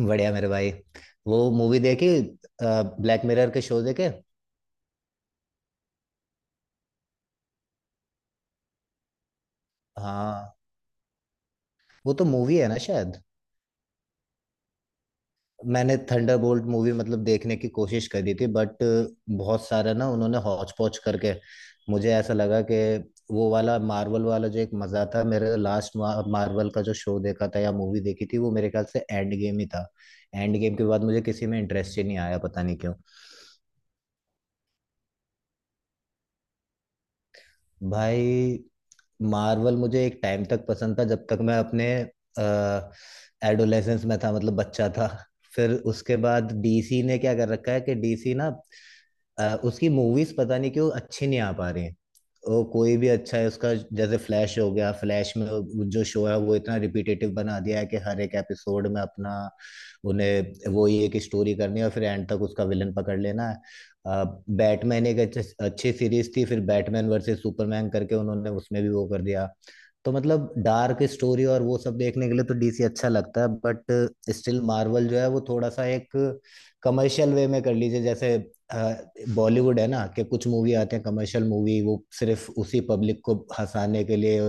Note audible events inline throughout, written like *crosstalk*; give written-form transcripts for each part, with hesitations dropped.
बढ़िया मेरे भाई। वो मूवी देखी? ब्लैक मिरर के शो देखे? हाँ, वो तो मूवी है ना शायद। मैंने थंडरबोल्ट मूवी मतलब देखने की कोशिश करी थी बट बहुत सारा ना उन्होंने हौच पौच करके मुझे ऐसा लगा कि वो वाला मार्वल वाला जो एक मजा था, मेरे लास्ट मार्वल का जो शो देखा था या मूवी देखी थी वो मेरे ख्याल से एंड गेम ही था। एंड गेम के बाद मुझे किसी में इंटरेस्ट ही नहीं आया, पता नहीं क्यों। भाई, मार्वल मुझे एक टाइम तक पसंद था जब तक मैं अपने एडोलेसेंस में था, मतलब बच्चा था। फिर उसके बाद डीसी ने क्या कर रखा है कि डीसी ना उसकी मूवीज पता नहीं क्यों अच्छी नहीं आ पा रही हैं। और कोई भी अच्छा है उसका, जैसे फ्लैश हो गया, फ्लैश में जो शो है वो इतना रिपीटेटिव बना दिया है कि हर एक एपिसोड में अपना उन्हें वो ही एक स्टोरी करनी है और फिर एंड तक उसका विलन पकड़ लेना है। बैटमैन एक अच्छी सीरीज थी, फिर बैटमैन वर्सेस सुपरमैन करके उन्होंने उसमें भी वो कर दिया। तो मतलब डार्क स्टोरी और वो सब देखने के लिए तो डीसी अच्छा लगता है, बट स्टिल मार्वल जो है वो थोड़ा सा एक कमर्शियल वे में कर लीजिए। जैसे बॉलीवुड है ना कि कुछ मूवी आते हैं कमर्शियल मूवी, वो सिर्फ उसी पब्लिक को हंसाने के लिए,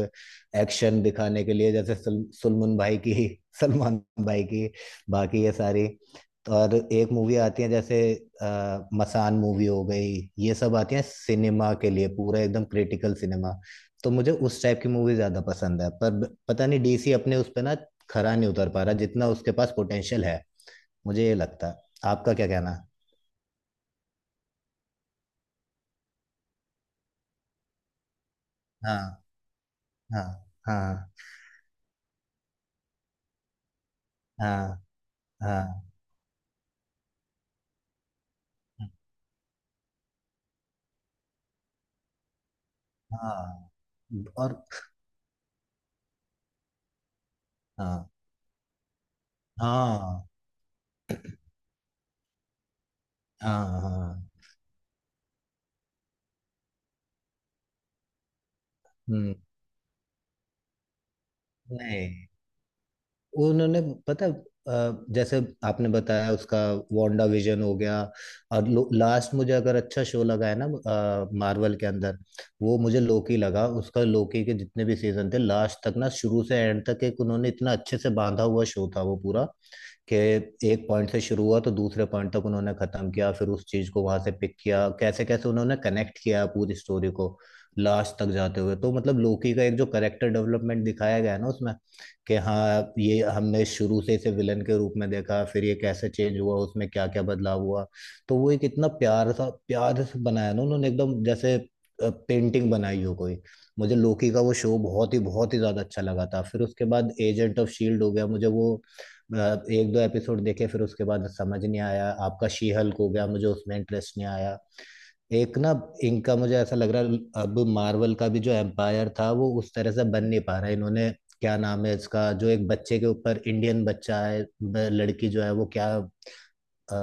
एक्शन दिखाने के लिए, जैसे सलमान भाई की *laughs* सलमान भाई की। बाकी ये सारी, और एक मूवी आती है जैसे मसान, मूवी हो गई, ये सब आती है सिनेमा के लिए पूरा एकदम क्रिटिकल सिनेमा। तो मुझे उस टाइप की मूवी ज्यादा पसंद है, पर पता नहीं डीसी अपने उस पे ना खरा नहीं उतर पा रहा जितना उसके पास पोटेंशियल है। मुझे ये लगता है। आपका क्या कहना है? हाँ हाँ हाँ हाँ हाँ हाँ और हाँ हाँ हाँ हाँ। हम्म। नहीं, उन्होंने, पता, जैसे आपने बताया उसका वांडा विजन हो गया, और लास्ट मुझे अगर अच्छा शो लगा है ना मार्वल के अंदर, वो मुझे लोकी लगा। उसका लोकी के जितने भी सीजन थे, लास्ट तक ना, शुरू से एंड तक, एक उन्होंने इतना अच्छे से बांधा हुआ शो था वो पूरा कि एक पॉइंट से शुरू हुआ तो दूसरे पॉइंट तक उन्होंने खत्म किया, फिर उस चीज को वहां से पिक किया, कैसे कैसे उन्होंने कनेक्ट किया पूरी स्टोरी को लास्ट तक जाते हुए। तो मतलब लोकी का एक जो करेक्टर डेवलपमेंट दिखाया गया है ना उसमें, कि हाँ, ये हमने शुरू से इसे विलन के रूप में देखा, फिर ये कैसे चेंज हुआ, उसमें क्या क्या बदलाव हुआ। तो वो एक इतना प्यार सा, प्यार से बनाया ना उन्होंने, एकदम जैसे पेंटिंग बनाई हो कोई। मुझे लोकी का वो शो बहुत ही ज्यादा अच्छा लगा था। फिर उसके बाद एजेंट ऑफ शील्ड हो गया, मुझे वो अ, एक दो एपिसोड देखे, फिर उसके बाद समझ नहीं आया। आपका शी हल्क हो गया, मुझे उसमें इंटरेस्ट नहीं आया। एक ना इनका मुझे ऐसा लग रहा है, अब मार्वल का भी जो एम्पायर था वो उस तरह से बन नहीं पा रहा है। इन्होंने क्या नाम है इसका, जो एक बच्चे के ऊपर, इंडियन बच्चा है, लड़की जो है वो, क्या अ,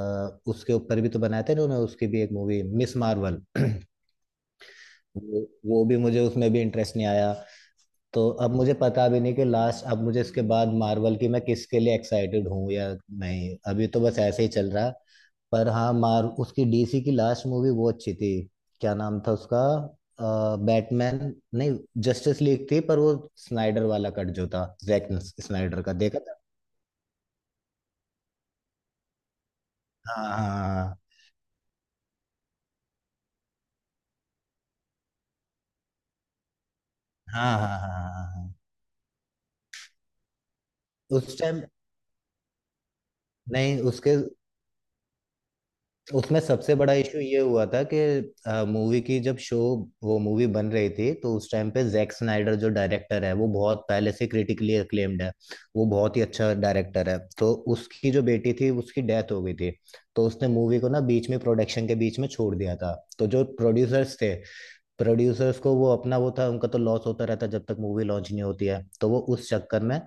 उसके ऊपर भी तो बनाया था इन्होंने, उसकी भी एक मूवी मिस मार्वल *clears throat* वो वो भी मुझे उसमें भी इंटरेस्ट नहीं आया। तो अब मुझे पता भी नहीं कि लास्ट, अब मुझे इसके बाद मार्वल की मैं किसके लिए एक्साइटेड हूँ या नहीं, अभी तो बस ऐसे ही चल रहा है। पर हाँ, मार उसकी डीसी की लास्ट मूवी वो अच्छी थी। क्या नाम था उसका, बैटमैन, नहीं, जस्टिस लीग थी, पर वो स्नाइडर वाला कट जो था, जैक स्नाइडर का देखा था। हाँ हाँ हाँ हाँ हाँ हाँ हाँ, हाँ। उस टाइम, नहीं उसके, उसमें सबसे बड़ा इशू ये हुआ था कि मूवी की जब शो, वो मूवी बन रही थी तो उस टाइम पे जैक स्नाइडर जो डायरेक्टर है वो बहुत पहले से क्रिटिकली अक्लेम्ड है, वो बहुत ही अच्छा डायरेक्टर है। तो उसकी जो बेटी थी उसकी डेथ हो गई थी, तो उसने मूवी को ना बीच में, प्रोडक्शन के बीच में छोड़ दिया था। तो जो प्रोड्यूसर्स थे, प्रोड्यूसर्स को वो अपना वो था, उनका तो लॉस होता रहता है जब तक मूवी लॉन्च नहीं होती है। तो वो उस चक्कर में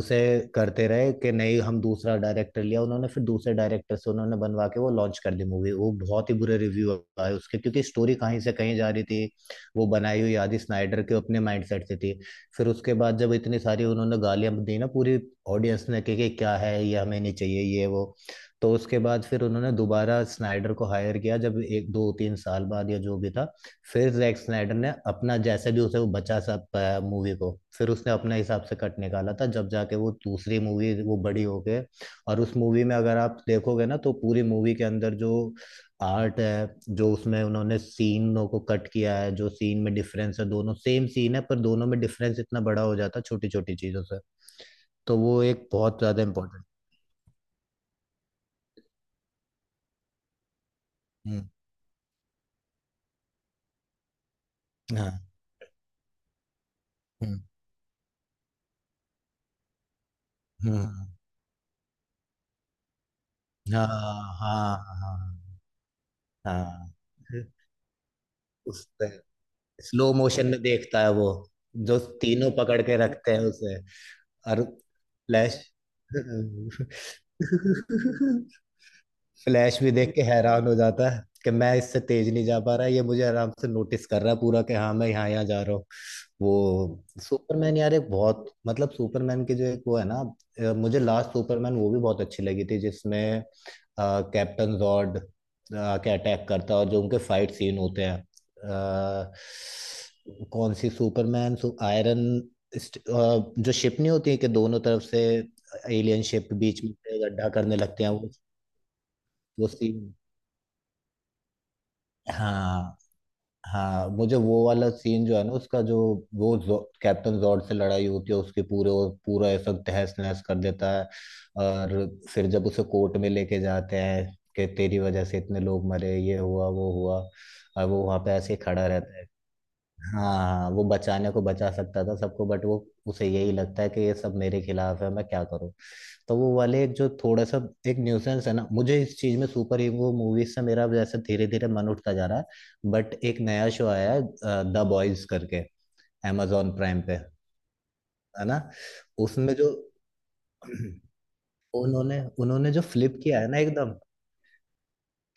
उसे करते रहे कि नहीं, हम दूसरा डायरेक्टर लिया उन्होंने, फिर दूसरे डायरेक्टर से उन्होंने बनवा के वो लॉन्च कर दी मूवी। वो बहुत ही बुरे रिव्यू आए उसके, क्योंकि स्टोरी कहीं से कहीं जा रही थी। वो बनाई हुई आदि स्नाइडर के अपने माइंडसेट से थी। फिर उसके बाद जब इतनी सारी उन्होंने गालियां दी ना पूरी ऑडियंस ने, कि क्या है ये, हमें नहीं चाहिए ये वो, तो उसके बाद फिर उन्होंने दोबारा स्नाइडर को हायर किया, जब एक दो तीन साल बाद या जो भी था। फिर जैक स्नाइडर ने अपना जैसे भी उसे वो बचा सब मूवी को, फिर उसने अपने हिसाब से कट निकाला था, जब जाके वो दूसरी मूवी वो बड़ी हो गए। और उस मूवी में अगर आप देखोगे ना तो पूरी मूवी के अंदर जो आर्ट है, जो उसमें उन्होंने सीनों को कट किया है, जो सीन में डिफरेंस है, दोनों सेम सीन है पर दोनों में डिफरेंस इतना बड़ा हो जाता है छोटी छोटी चीजों से। तो वो एक बहुत ज्यादा इम्पोर्टेंट। हम्म। हाँ। हम्म। हम्म, हाँ हाँ हाँ हाँ। उस पे स्लो मोशन में देखता है वो, जो तीनों पकड़ के रखते हैं उसे, और फ्लैश *laughs* फ्लैश भी देख के हैरान हो जाता है कि मैं इससे तेज नहीं जा पा रहा, ये मुझे आराम से नोटिस कर रहा है पूरा, कि हाँ मैं यहाँ यहाँ जा रहा हूँ। वो सुपरमैन यार, एक बहुत मतलब सुपरमैन की जो एक वो है ना मुझे लास्ट सुपरमैन वो भी बहुत अच्छी लगी थी, जिसमें कैप्टन जॉर्ड के अटैक करता है और जो उनके फाइट सीन होते हैं कौन सी सुपरमैन आयरन जो शिप नहीं होती है कि दोनों तरफ से एलियन शिप बीच में से गड्ढा करने लगते हैं वो सीन। हाँ, हाँ मुझे वो वाला सीन जो है ना उसका, जो वो जो, कैप्टन जॉर्ड से लड़ाई होती है उसके पूरे, और पूरा ऐसा तहस नहस कर देता है, और फिर जब उसे कोर्ट में लेके जाते हैं कि तेरी वजह से इतने लोग मरे, ये हुआ वो हुआ, और वो वहां पे ऐसे ही खड़ा रहता है। हाँ वो बचाने को बचा सकता था सबको बट वो, उसे यही लगता है कि ये सब मेरे खिलाफ है मैं क्या करूँ। तो वो वाले एक जो थोड़ा सा एक न्यूसेंस है ना, मुझे इस चीज में सुपर हीरो मूवीज से मेरा जैसे धीरे धीरे मन उठता जा रहा है। बट एक नया शो आया है द बॉयज करके amazon प्राइम पे, है ना, उसमें जो *clears throat* उन्होंने उन्होंने जो फ्लिप किया है ना एकदम,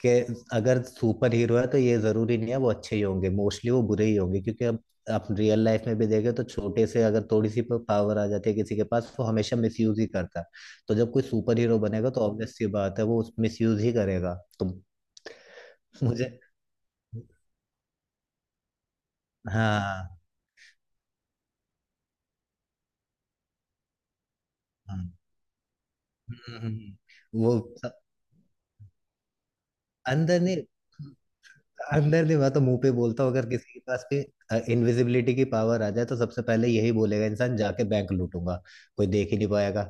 कि अगर सुपर हीरो है तो ये जरूरी नहीं है वो अच्छे ही होंगे, मोस्टली वो बुरे ही होंगे। क्योंकि अब आप रियल लाइफ में भी देखें तो छोटे से अगर थोड़ी सी पावर आ जाती है किसी के पास वो हमेशा मिसयूज ही करता है। तो जब कोई सुपर हीरो बनेगा तो ऑब्वियस सी बात है वो उस मिसयूज ही करेगा। तो *laughs* मुझे, हाँ हाँ वो, अंदर नहीं, अंदर नहीं, मैं तो मुंह पे बोलता हूँ। अगर किसी के पास भी इनविजिबिलिटी की पावर आ जाए तो सबसे पहले यही बोलेगा इंसान, जाके बैंक लूटूंगा, कोई देख ही नहीं पाएगा।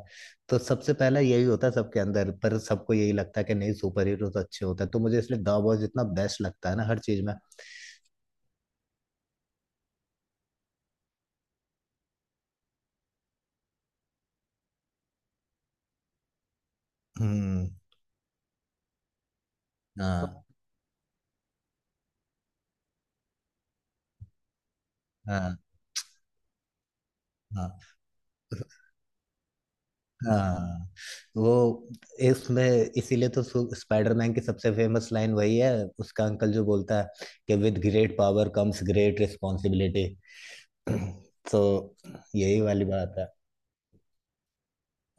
तो सबसे पहला यही होता है सबके अंदर, पर सबको यही लगता है कि नहीं सुपर हीरो तो अच्छे होते हैं। तो मुझे इसलिए द बॉयज इतना बेस्ट लगता है ना हर चीज में। हम्म। हाँ हाँ हाँ हाँ। वो इसमें, इसीलिए तो स्पाइडरमैन की सबसे फेमस लाइन वही है, उसका अंकल जो बोलता है कि with great power comes great responsibility. *clears throat* तो यही वाली बात है।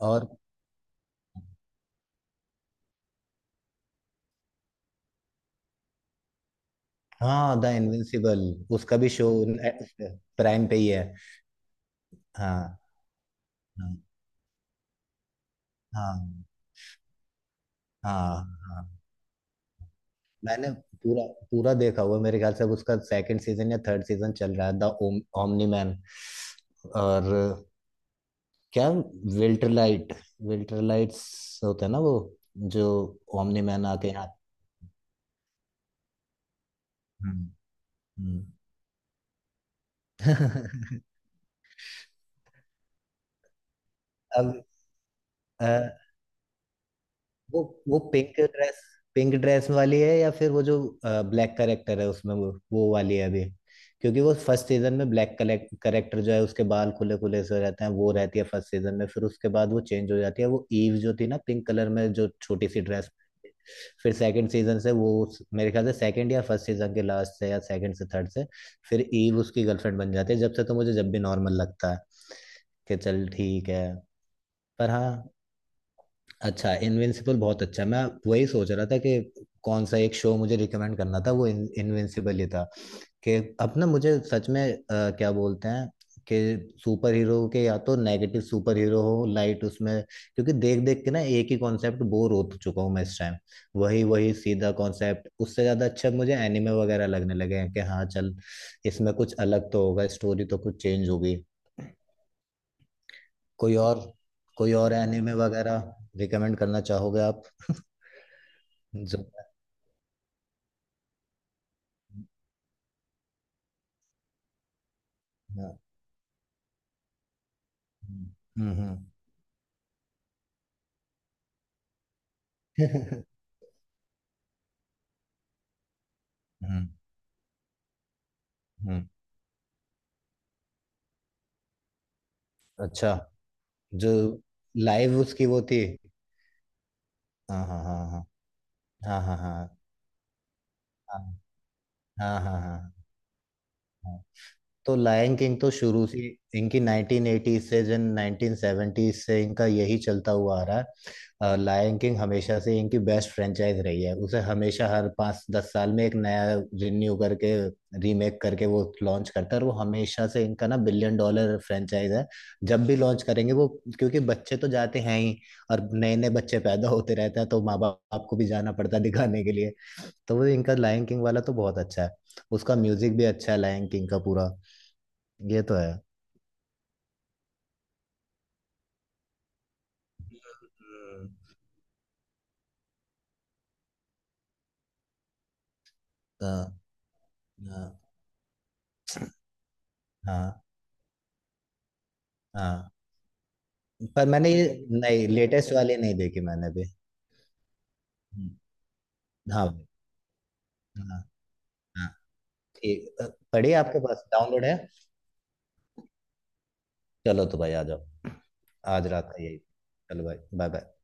और हाँ, द इनविंसिबल, उसका भी शो प्राइम पे ही है। हाँ हाँ हाँ हाँ हाँ। मैंने पूरा, पूरा देखा हुआ है। मेरे ख्याल से अब उसका सेकंड सीजन या थर्ड सीजन चल रहा है, द ओमनी मैन। और क्या, विल्टरलाइट, विल्टरलाइट्स होते हैं ना वो, जो ओमनी मैन आके यहाँ। हम्म, हम्म। *laughs* अब वो वो पिंक ड्रेस, पिंक ड्रेस वाली है या फिर वो जो ब्लैक करेक्टर है उसमें वो वाली है अभी, क्योंकि वो फर्स्ट सीजन में ब्लैक करेक्टर जो है उसके बाल खुले खुले से हो जाते हैं वो रहती है फर्स्ट सीजन में, फिर उसके बाद वो चेंज हो जाती है वो ईव जो थी ना पिंक कलर में जो छोटी सी ड्रेस। फिर सेकंड सीजन से वो मेरे ख्याल से सेकंड या फर्स्ट सीजन के लास्ट से या सेकंड से थर्ड से फिर ईव उसकी गर्लफ्रेंड बन जाती है, जब से तो मुझे जब भी नॉर्मल लगता है कि चल ठीक है। पर हाँ, अच्छा, इनविंसिबल बहुत अच्छा है। मैं वही सोच रहा था कि कौन सा एक शो मुझे रिकमेंड करना था, वो इनविंसिबल ही था। कि अब ना मुझे सच में क्या बोलते हैं कि सुपर हीरो के या तो नेगेटिव सुपर हीरो हो लाइट उसमें, क्योंकि देख देख के ना एक ही कॉन्सेप्ट बोर हो तो चुका हूँ मैं इस टाइम, वही वही सीधा कॉन्सेप्ट। उससे ज़्यादा अच्छा मुझे एनिमे वगैरह लगने लगे हैं कि हाँ चल इसमें कुछ अलग तो होगा, स्टोरी तो कुछ चेंज होगी। कोई और, कोई और एनिमे वगैरह रिकमेंड करना चाहोगे आप? हाँ, हम्म हम्म हम्म हम्म, अच्छा, जो लाइव उसकी वो थी, हाँ हाँ हाँ हाँ हाँ हाँ हाँ हाँ हाँ हाँ हाँ हाँ। तो लायन किंग तो शुरू से इनकी 1980s से जन 1970s से इनका यही चलता हुआ आ रहा है। लायन किंग हमेशा से इनकी बेस्ट फ्रेंचाइज रही है, उसे हमेशा हर पाँच दस साल में एक नया रिन्यू करके, रीमेक करके वो लॉन्च करता है, और वो हमेशा से इनका ना बिलियन डॉलर फ्रेंचाइज है जब भी लॉन्च करेंगे वो, क्योंकि बच्चे तो जाते हैं ही, और नए नए बच्चे पैदा होते रहते हैं तो माँ बाप को भी जाना पड़ता है दिखाने के लिए। तो वो इनका लायन किंग वाला तो बहुत अच्छा है, उसका म्यूजिक भी अच्छा है लायन किंग का पूरा, ये तो है। हम्म, हाँ हाँ। हाँ हाँ, पर मैंने ये नहीं, लेटेस्ट वाली नहीं देखी मैंने भी। हम्म, हाँ भाई, हाँ हाँ, ठीक पड़ी है आपके पास, डाउनलोड है? चलो तो भाई आ जाओ। आज रात का यही, चलो भाई, बाय बाय।